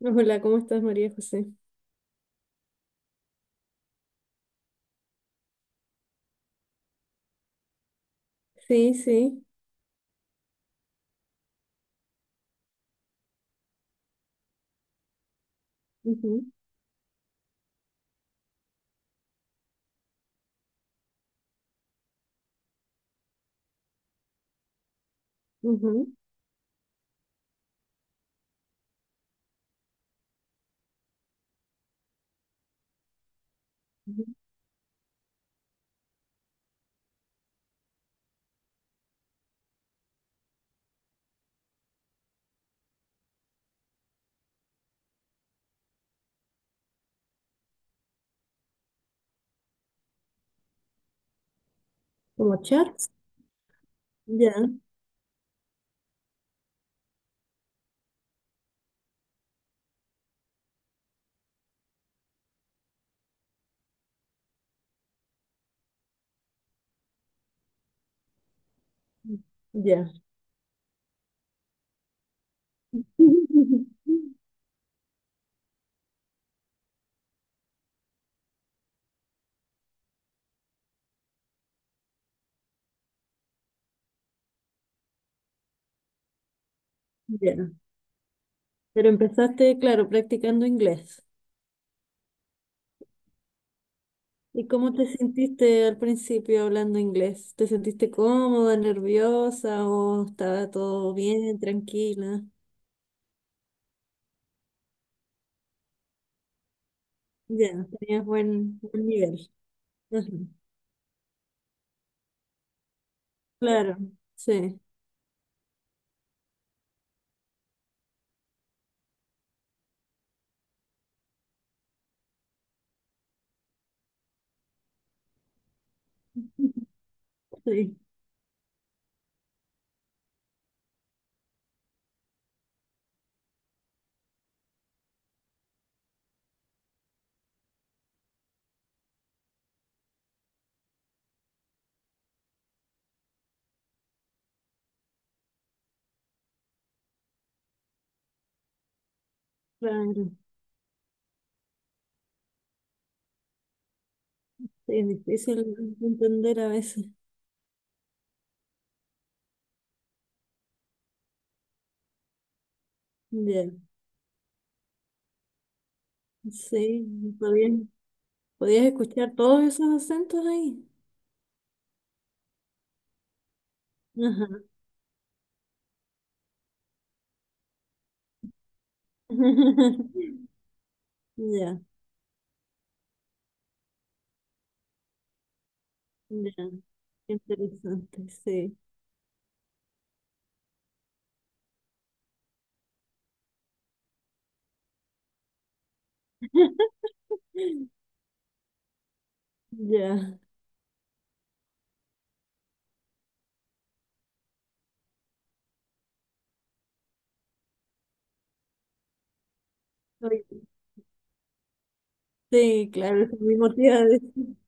Hola, ¿cómo estás, María José? Sí, sí. Ujú, ujú, ujú. Como charts. Ya, ya. Ya. Pero empezaste, claro, practicando inglés. ¿Y cómo te sentiste al principio hablando inglés? ¿Te sentiste cómoda, nerviosa o estaba todo bien, tranquila? Ya, tenías buen nivel. Ajá, claro, sí. Sí, claro. Sí, es difícil entender a veces. Ya. Sí, podías, podías escuchar todos esos acentos ahí. Ajá. Ya, ya. Qué interesante, sí. Ya. Oye, sí, claro, es mismo te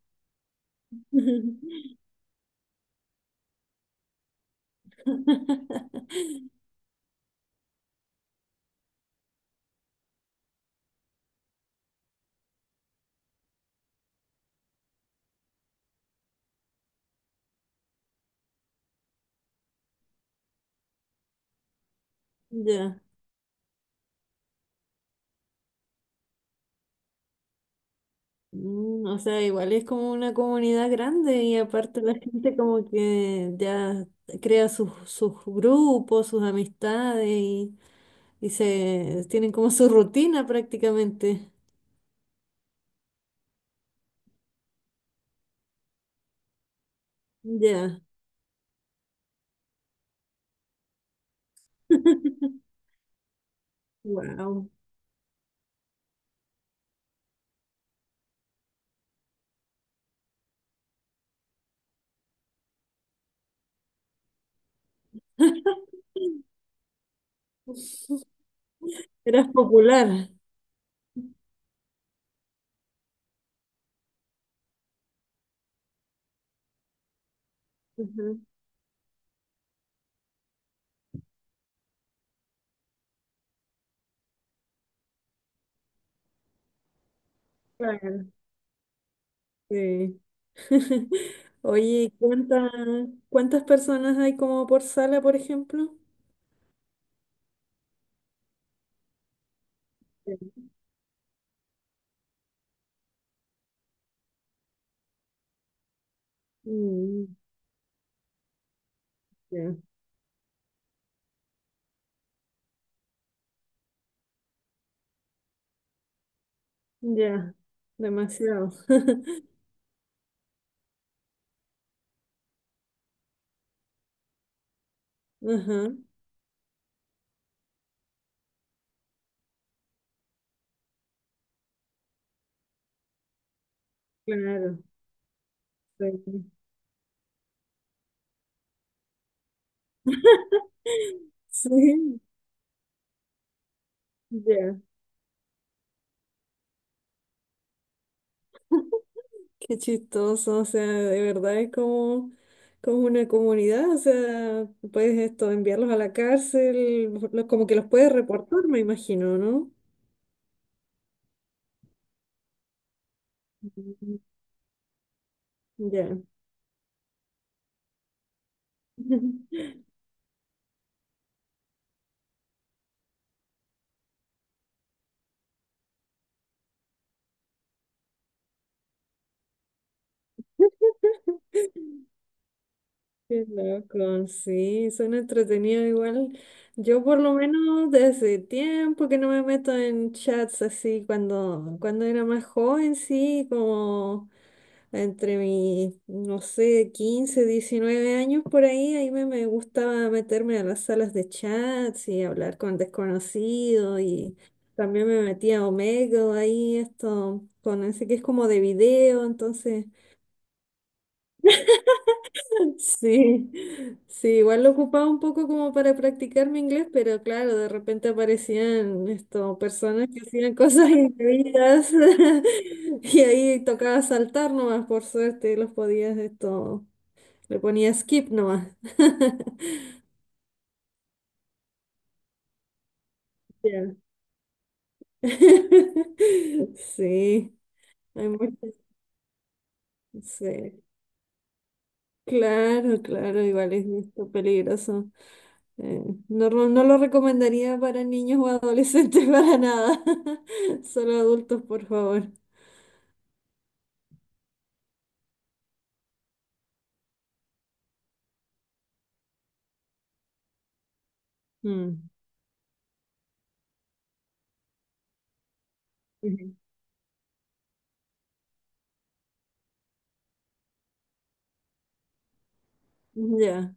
Ya. Mm. O sea, igual es como una comunidad grande y aparte la gente como que ya crea sus grupos, sus amistades y se tienen como su rutina prácticamente. Ya. Wow. Eras popular. Ujú, claro, sí. Oye, ¿cuántas personas hay como por sala, por ejemplo? Sí. Mm, ya, ya, demasiado. Ajá, claro. Sí, sí, ya. Qué chistoso, o sea, de verdad es como, como una comunidad, o sea, puedes esto, enviarlos a la cárcel, como que los puedes reportar, me imagino, ¿no? Mm, ya. Qué loco, sí, suena entretenido igual. Yo por lo menos desde tiempo que no me meto en chats así, cuando era más joven, sí, como entre mis, no sé, 15-19 años por ahí, ahí me gustaba meterme a las salas de chats y hablar con desconocidos y también me metía a Omegle ahí, esto, con ese que es como de video, entonces, sí, sí, igual lo ocupaba un poco como para practicar mi inglés, pero claro, de repente aparecían esto, personas que hacían cosas indebidas y ahí tocaba saltar nomás, por suerte, los podías esto. Le ponía skip nomás. Ya. Sí, hay muchas. Sí, claro, claro, igual es esto peligroso. Eh, no, no lo recomendaría para niños o adolescentes para nada. Solo adultos, por favor. Mm. Ujú. Ya.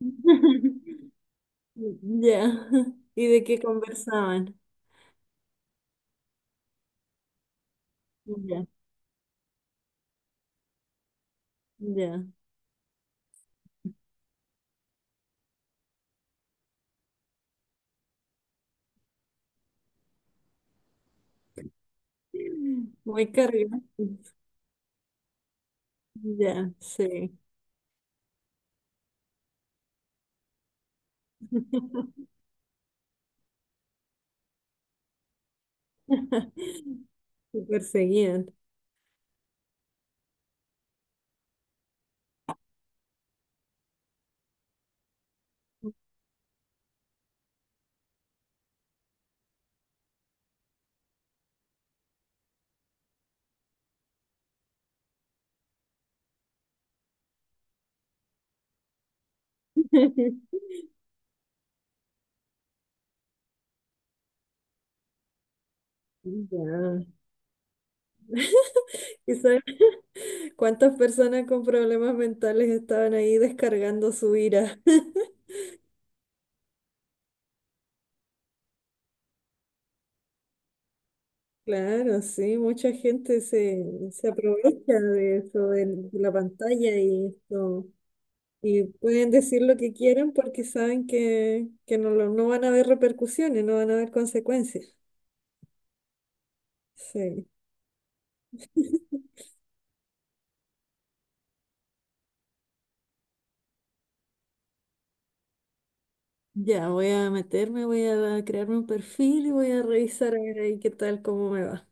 Ya. ¿Y de qué conversaban? Ya, ya. Muy cargado. Ya, sí. Te perseguían. Ya. ¿Y sabes cuántas personas con problemas mentales estaban ahí descargando su ira? Claro, sí, mucha gente se aprovecha de eso, de la pantalla y esto. Y pueden decir lo que quieran porque saben que no, no van a haber repercusiones, no van a haber consecuencias. Sí. Ya, voy a meterme, voy a crearme un perfil y voy a revisar a ver ahí qué tal, cómo me va.